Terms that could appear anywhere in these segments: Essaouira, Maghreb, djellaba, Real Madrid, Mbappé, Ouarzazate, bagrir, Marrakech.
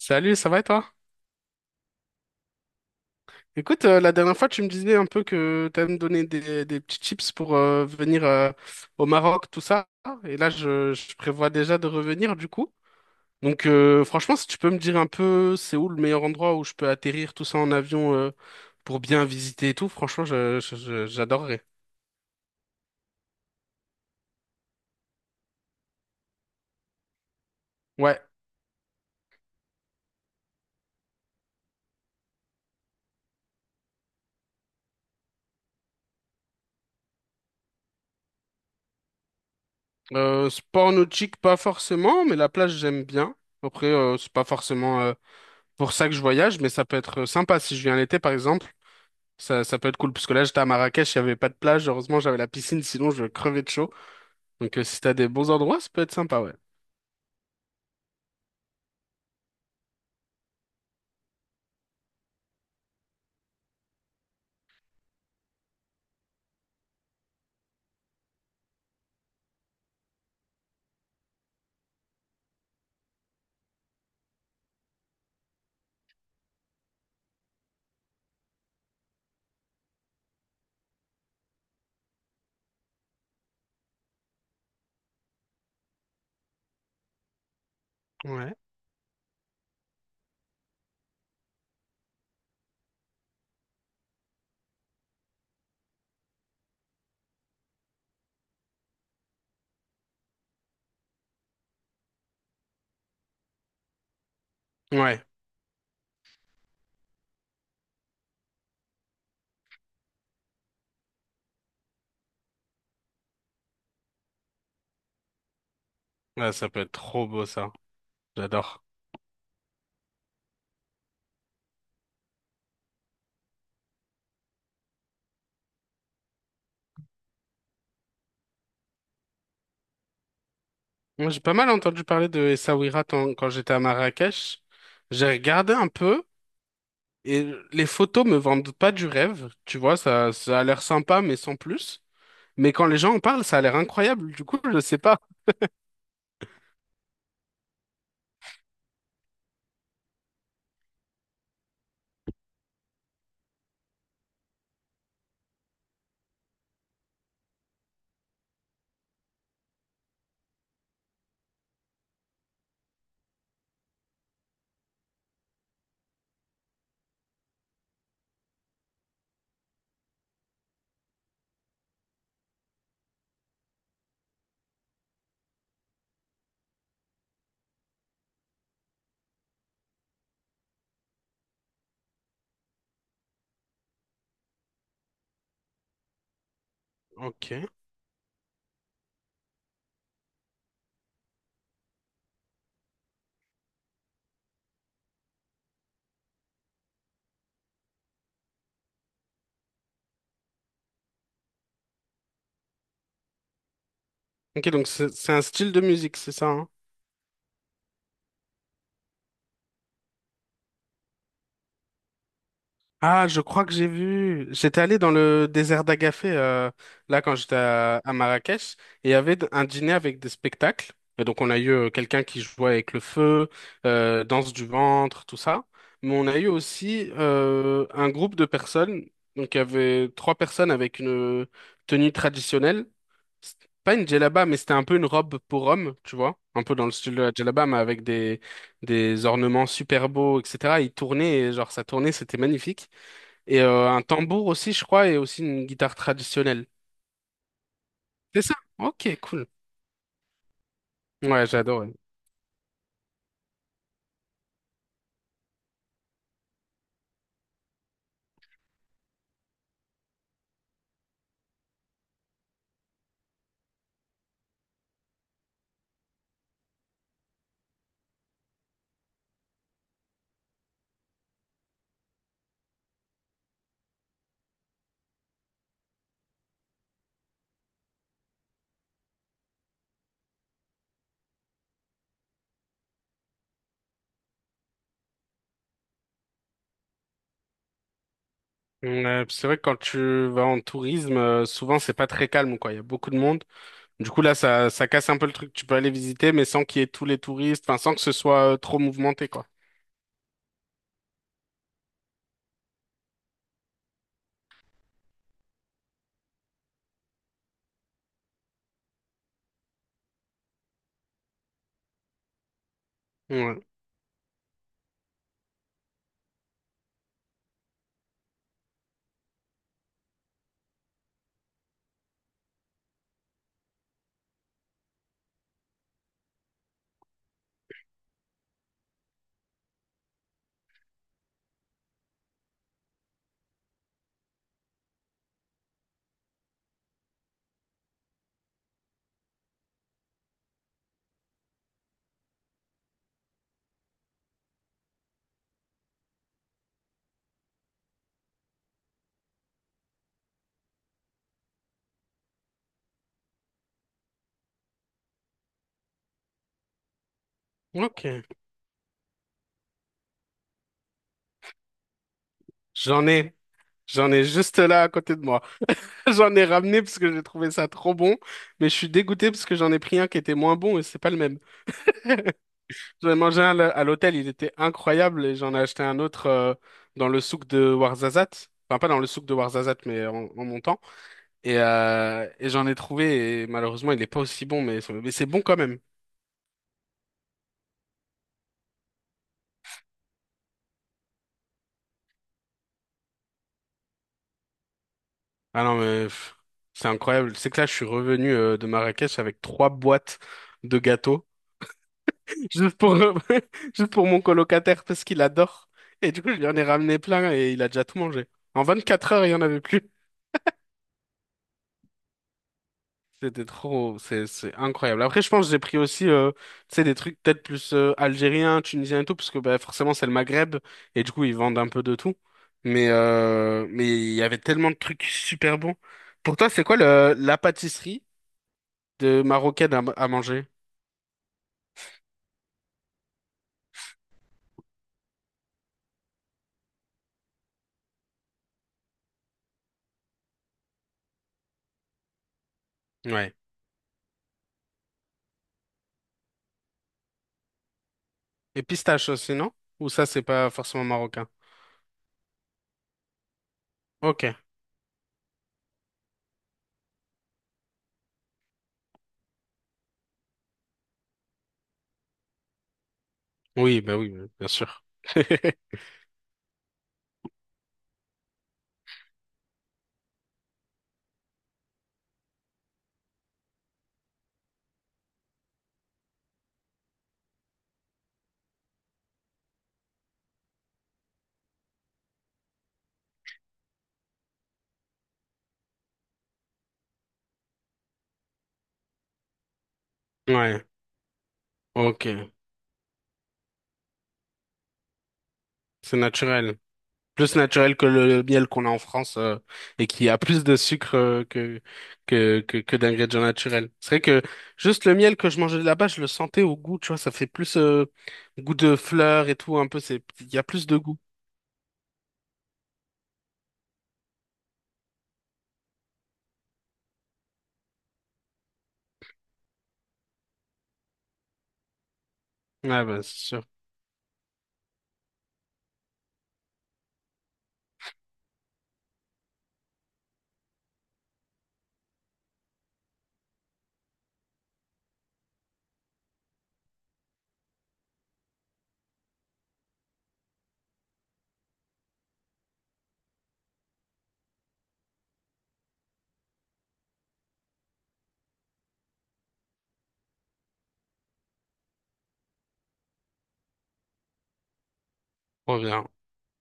Salut, ça va et toi? Écoute, la dernière fois, tu me disais un peu que tu allais me donner des petits tips pour venir au Maroc, tout ça. Et là, je prévois déjà de revenir du coup. Donc, franchement, si tu peux me dire un peu c'est où le meilleur endroit où je peux atterrir tout ça en avion pour bien visiter et tout, franchement, j'adorerais. Ouais, sport nautique, pas forcément, mais la plage, j'aime bien. Après, c'est pas forcément pour ça que je voyage, mais ça peut être sympa si je viens l'été, par exemple. Ça peut être cool, parce que là, j'étais à Marrakech, il n'y avait pas de plage. Heureusement, j'avais la piscine, sinon je crevais de chaud. Donc, si t'as des bons endroits, ça peut être sympa, ouais. Ouais. Ouais, ouais, ça peut être trop beau, ça. J'adore. Moi, j'ai pas mal entendu parler de Essaouira quand j'étais à Marrakech. J'ai regardé un peu, et les photos me vendent pas du rêve. Tu vois, ça a l'air sympa, mais sans plus. Mais quand les gens en parlent, ça a l'air incroyable. Du coup, je sais pas. Ok. Ok, donc c'est un style de musique, c'est ça, hein? Ah, je crois que j'ai vu. J'étais allé dans le désert d'Agafé, là, quand j'étais à Marrakech, et il y avait un dîner avec des spectacles. Et donc, on a eu quelqu'un qui jouait avec le feu, danse du ventre, tout ça. Mais on a eu aussi un groupe de personnes. Donc, il y avait trois personnes avec une tenue traditionnelle. C'est pas une djellaba, mais c'était un peu une robe pour homme, tu vois. Un peu dans le style de la djellaba, mais avec des ornements super beaux, etc. Ils tournaient, et genre, ça tournait, c'était magnifique. Et un tambour aussi, je crois, et aussi une guitare traditionnelle. C'est ça? Ok, cool. Ouais, j'adore, ouais. Ouais, puis c'est vrai que quand tu vas en tourisme, souvent c'est pas très calme, quoi. Il y a beaucoup de monde. Du coup, là, ça casse un peu le truc. Tu peux aller visiter, mais sans qu'il y ait tous les touristes, enfin, sans que ce soit trop mouvementé, quoi. Ouais. Ok. J'en ai. J'en ai juste là à côté de moi. J'en ai ramené parce que j'ai trouvé ça trop bon, mais je suis dégoûté parce que j'en ai pris un qui était moins bon et c'est pas le même. J'en ai mangé un à l'hôtel, il était incroyable et j'en ai acheté un autre dans le souk de Ouarzazate. Enfin, pas dans le souk de Ouarzazate, mais en montant. Et j'en ai trouvé et malheureusement, il n'est pas aussi bon, mais c'est bon quand même. Ah non, mais pff, c'est incroyable. C'est que là, je suis revenu de Marrakech avec trois boîtes de gâteaux juste pour, juste pour mon colocataire parce qu'il adore. Et du coup, je lui en ai ramené plein et il a déjà tout mangé. En 24 heures, il n'y en avait plus. C'était trop, c'est incroyable. Après, je pense que j'ai pris aussi, tu sais, des trucs peut-être plus algériens, tunisiens et tout, parce que bah, forcément c'est le Maghreb et du coup ils vendent un peu de tout. Mais il y avait tellement de trucs super bons. Pour toi, c'est quoi le la pâtisserie de marocaine à manger? Ouais. Et pistache aussi, non? Ou ça c'est pas forcément marocain? Ok. Oui, bah oui, bien sûr. Ouais. Ok. C'est naturel, plus naturel que le miel qu'on a en France et qui a plus de sucre que d'ingrédients naturels. C'est vrai que juste le miel que je mangeais là-bas, je le sentais au goût, tu vois, ça fait plus goût de fleurs et tout, un peu, c'est il y a plus de goût. Ouais, bah c'est sûr, trop bien.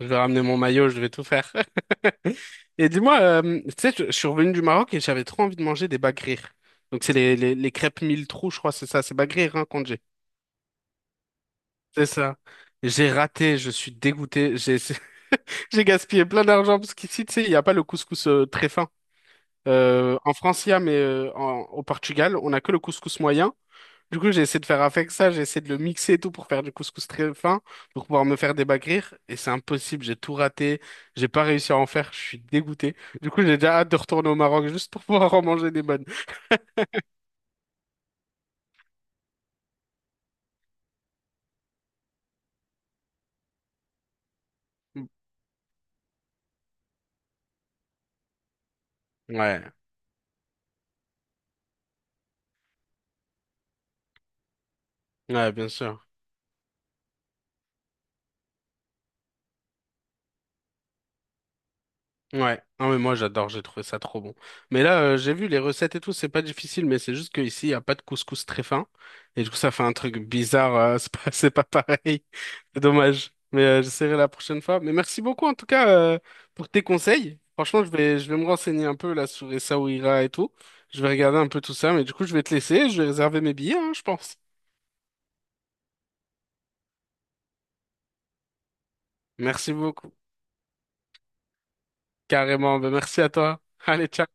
Je vais ramener mon maillot, je vais tout faire. Et dis-moi, tu sais, je suis revenu du Maroc et j'avais trop envie de manger des bagrir. Donc c'est les crêpes mille trous, je crois, c'est ça, c'est bagrir hein, qu'on dit. C'est ça. J'ai raté, je suis dégoûté. J'ai j'ai gaspillé plein d'argent parce qu'ici, tu sais, il n'y a pas le couscous très fin. En France, il y a, mais au Portugal, on n'a que le couscous moyen. Du coup, j'ai essayé de faire avec ça, j'ai essayé de le mixer et tout pour faire du couscous très fin, pour pouvoir me faire des bagrir. Et c'est impossible, j'ai tout raté, j'ai pas réussi à en faire, je suis dégoûté. Du coup, j'ai déjà hâte de retourner au Maroc juste pour pouvoir en manger des bonnes. Ouais, ouais, bien sûr. Ouais, non mais moi j'adore, j'ai trouvé ça trop bon. Mais là, j'ai vu les recettes et tout, c'est pas difficile, mais c'est juste qu'ici, il n'y a pas de couscous très fin. Et du coup, ça fait un truc bizarre, c'est pas, c'est pas pareil. C'est dommage. Mais j'essaierai la prochaine fois. Mais merci beaucoup en tout cas pour tes conseils. Franchement, je vais me renseigner un peu là sur Essaouira et tout. Je vais regarder un peu tout ça, mais du coup, je vais te laisser, je vais réserver mes billets, hein, je pense. Merci beaucoup. Carrément, ben, merci à toi. Allez, ciao.